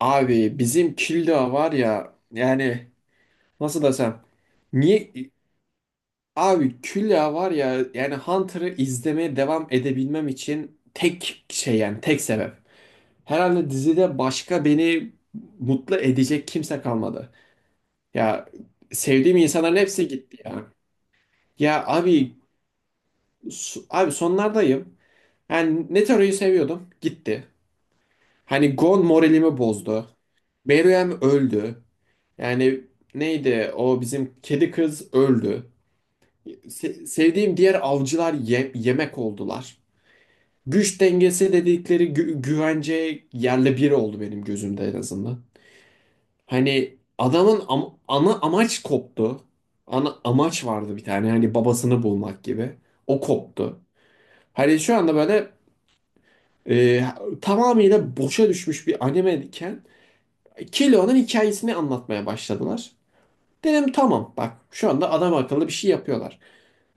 Abi bizim Külliye var ya, yani nasıl desem niye abi Külliye var ya. Yani Hunter'ı izlemeye devam edebilmem için tek şey, yani tek sebep. Herhalde dizide başka beni mutlu edecek kimse kalmadı. Ya, sevdiğim insanların hepsi gitti ya. Ya abi Abi sonlardayım. Yani Netaro'yu seviyordum, gitti. Hani Gon moralimi bozdu. Meruem öldü. Yani neydi o, bizim kedi kız öldü. Sevdiğim diğer avcılar yemek oldular. Güç dengesi dedikleri güvence yerle bir oldu benim gözümde, en azından. Hani ana amaç koptu. Ana amaç vardı bir tane, hani babasını bulmak gibi. O koptu. Hani şu anda böyle, e, tamamıyla boşa düşmüş bir anime iken Killua'nın hikayesini anlatmaya başladılar. Dedim tamam, bak şu anda adam akıllı bir şey yapıyorlar.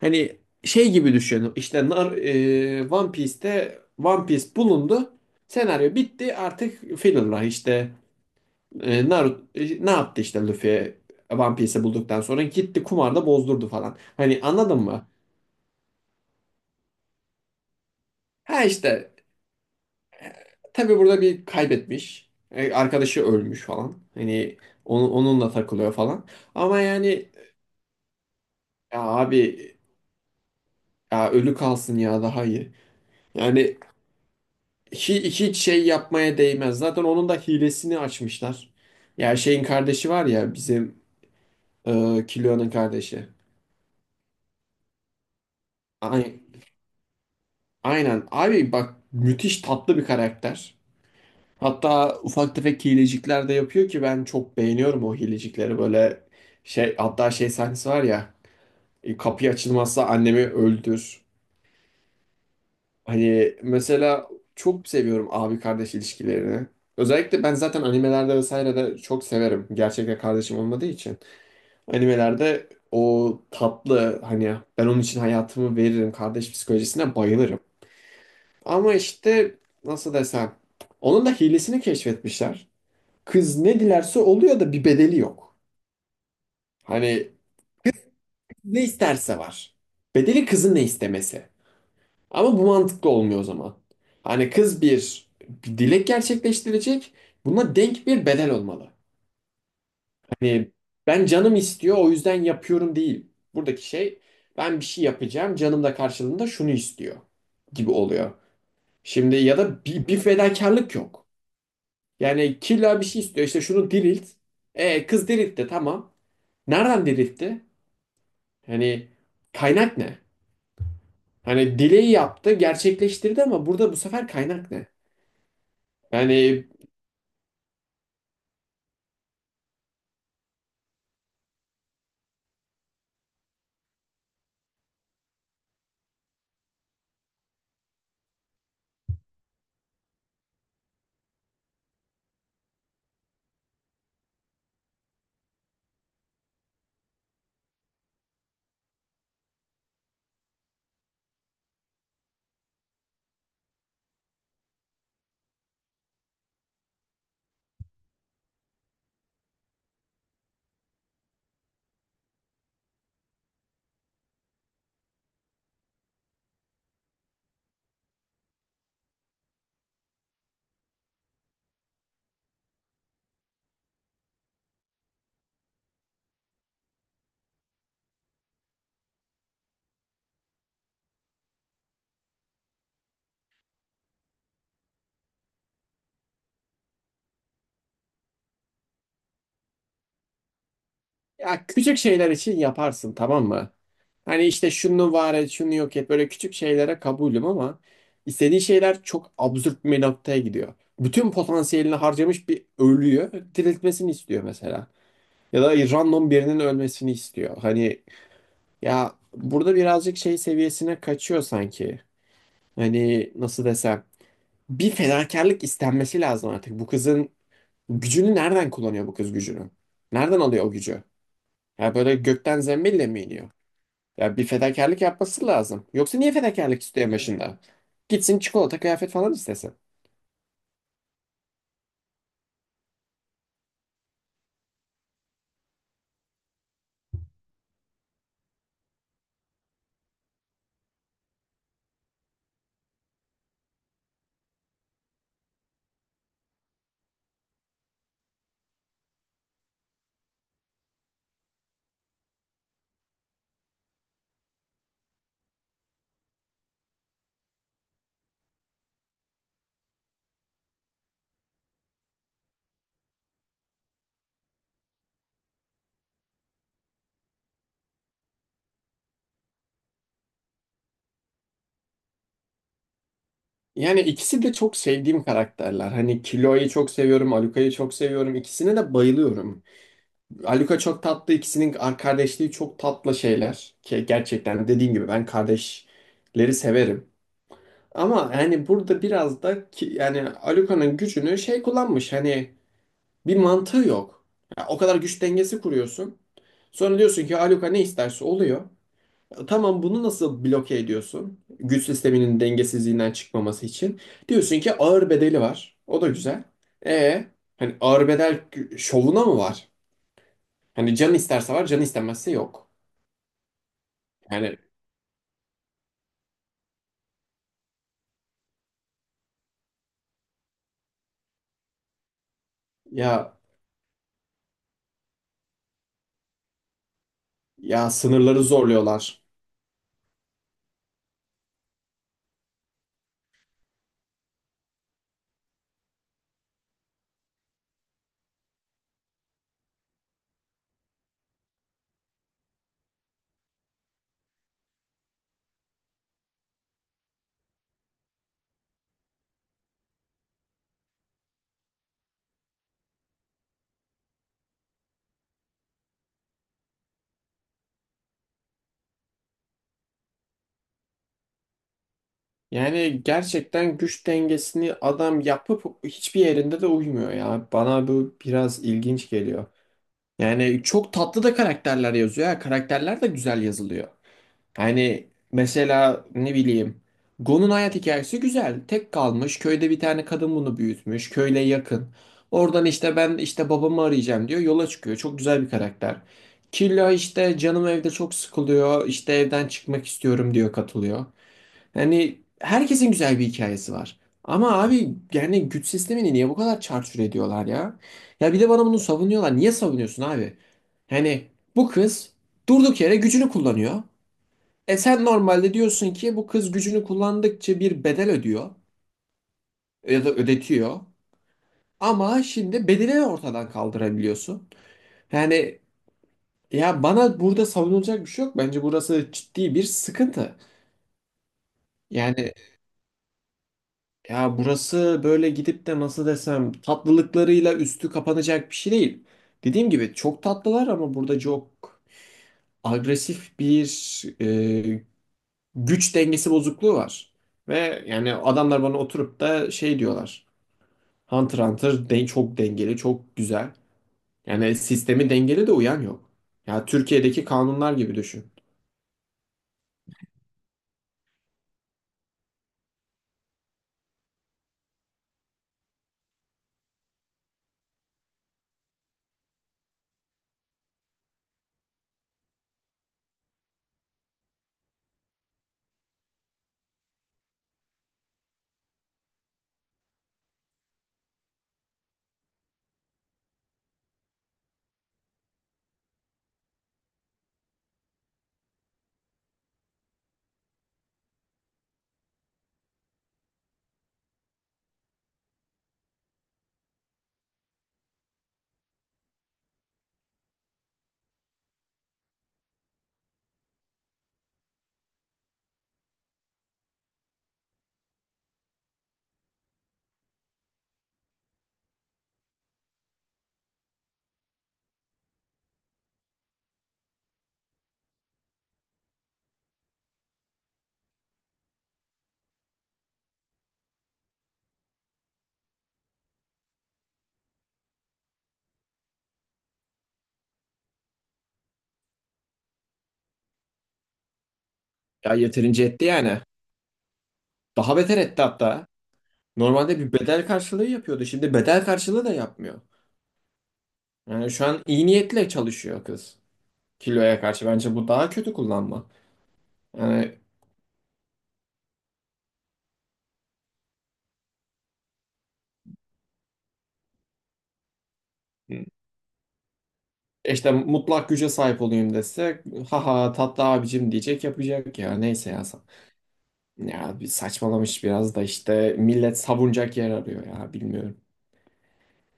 Hani şey gibi düşünün, işte One Piece'te One Piece bulundu. Senaryo bitti, artık filler işte. Naruto ne yaptı, işte Luffy One Piece'i bulduktan sonra gitti kumarda bozdurdu falan. Hani anladın mı? Ha işte, tabii burada bir kaybetmiş. E, arkadaşı ölmüş falan. Hani onunla takılıyor falan. Ama yani, ya abi, ya ölü kalsın ya, daha iyi. Yani hiç şey yapmaya değmez. Zaten onun da hilesini açmışlar. Ya şeyin kardeşi var ya bizim, Killua'nın kardeşi. Ay- Aynen. Abi bak, müthiş tatlı bir karakter. Hatta ufak tefek hilecikler de yapıyor ki ben çok beğeniyorum o hilecikleri. Böyle şey, hatta şey sahnesi var ya, kapı açılmazsa annemi öldür. Hani mesela çok seviyorum abi kardeş ilişkilerini. Özellikle ben zaten animelerde vesaire de çok severim, gerçekten kardeşim olmadığı için. Animelerde o tatlı, hani ben onun için hayatımı veririm kardeş psikolojisine bayılırım. Ama işte nasıl desem, onun da hilesini keşfetmişler. Kız ne dilerse oluyor da bir bedeli yok. Hani ne isterse var. Bedeli kızın ne istemesi. Ama bu mantıklı olmuyor o zaman. Hani kız bir dilek gerçekleştirecek. Buna denk bir bedel olmalı. Hani ben canım istiyor o yüzden yapıyorum değil. Buradaki şey, ben bir şey yapacağım canım da karşılığında şunu istiyor gibi oluyor. Şimdi ya da bir fedakarlık yok. Yani killa bir şey istiyor, işte şunu dirilt. E kız diriltti, tamam. Nereden diriltti? Hani kaynak ne? Hani dileği yaptı, gerçekleştirdi, ama burada bu sefer kaynak ne? Yani Ya küçük şeyler için yaparsın, tamam mı? Hani işte şunu var et, şunu yok et. Böyle küçük şeylere kabulüm, ama istediği şeyler çok absürt bir noktaya gidiyor. Bütün potansiyelini harcamış bir ölüyü diriltmesini istiyor mesela. Ya da random birinin ölmesini istiyor. Hani ya burada birazcık şey seviyesine kaçıyor sanki. Hani nasıl desem, bir fedakarlık istenmesi lazım artık. Bu kızın gücünü nereden kullanıyor bu kız gücünü? Nereden alıyor o gücü? Ya böyle gökten zembille mi iniyor? Ya bir fedakarlık yapması lazım. Yoksa niye fedakarlık istiyor başında? Gitsin çikolata kıyafet falan istesin. Yani ikisi de çok sevdiğim karakterler. Hani Kilo'yu çok seviyorum, Aluka'yı çok seviyorum. İkisine de bayılıyorum. Aluka çok tatlı, ikisinin kardeşliği çok tatlı şeyler. Ki gerçekten dediğim gibi ben kardeşleri severim. Ama yani burada biraz da ki, yani Aluka'nın gücünü şey kullanmış. Hani bir mantığı yok. Ya o kadar güç dengesi kuruyorsun. Sonra diyorsun ki Aluka ne isterse oluyor. Tamam, bunu nasıl bloke ediyorsun? Güç sisteminin dengesizliğinden çıkmaması için. Diyorsun ki ağır bedeli var. O da güzel. E hani ağır bedel şovuna mı var? Hani can isterse var, can istemezse yok. Yani ya ya sınırları zorluyorlar. Yani gerçekten güç dengesini adam yapıp hiçbir yerinde de uymuyor ya. Bana bu biraz ilginç geliyor. Yani çok tatlı da karakterler yazıyor, ha. Karakterler de güzel yazılıyor. Yani mesela ne bileyim, Gon'un hayat hikayesi güzel. Tek kalmış. Köyde bir tane kadın bunu büyütmüş. Köyle yakın. Oradan işte ben işte babamı arayacağım diyor. Yola çıkıyor. Çok güzel bir karakter. Killa işte canım evde çok sıkılıyor. İşte evden çıkmak istiyorum diyor, katılıyor. Yani herkesin güzel bir hikayesi var. Ama abi yani güç sistemini niye bu kadar çarçur ediyorlar ya? Ya bir de bana bunu savunuyorlar. Niye savunuyorsun abi? Hani bu kız durduk yere gücünü kullanıyor. E sen normalde diyorsun ki bu kız gücünü kullandıkça bir bedel ödüyor ya da ödetiyor. Ama şimdi bedeli ortadan kaldırabiliyorsun. Yani ya bana burada savunulacak bir şey yok. Bence burası ciddi bir sıkıntı. Yani ya burası böyle gidip de nasıl desem tatlılıklarıyla üstü kapanacak bir şey değil. Dediğim gibi çok tatlılar, ama burada çok agresif bir güç dengesi bozukluğu var. Ve yani adamlar bana oturup da şey diyorlar. Hunter x Hunter de çok dengeli, çok güzel. Yani sistemi dengeli de uyan yok. Ya Türkiye'deki kanunlar gibi düşün. Ya yeterince etti yani. Daha beter etti hatta. Normalde bir bedel karşılığı yapıyordu. Şimdi bedel karşılığı da yapmıyor. Yani şu an iyi niyetle çalışıyor kız. Kiloya karşı. Bence bu daha kötü kullanma. Yani işte mutlak güce sahip olayım dese, haha tatlı abicim diyecek yapacak, ya neyse ya. Ya bir saçmalamış, biraz da işte millet savunacak yer arıyor ya, bilmiyorum.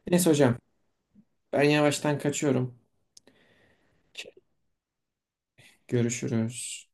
Neyse hocam, ben yavaştan kaçıyorum. Görüşürüz.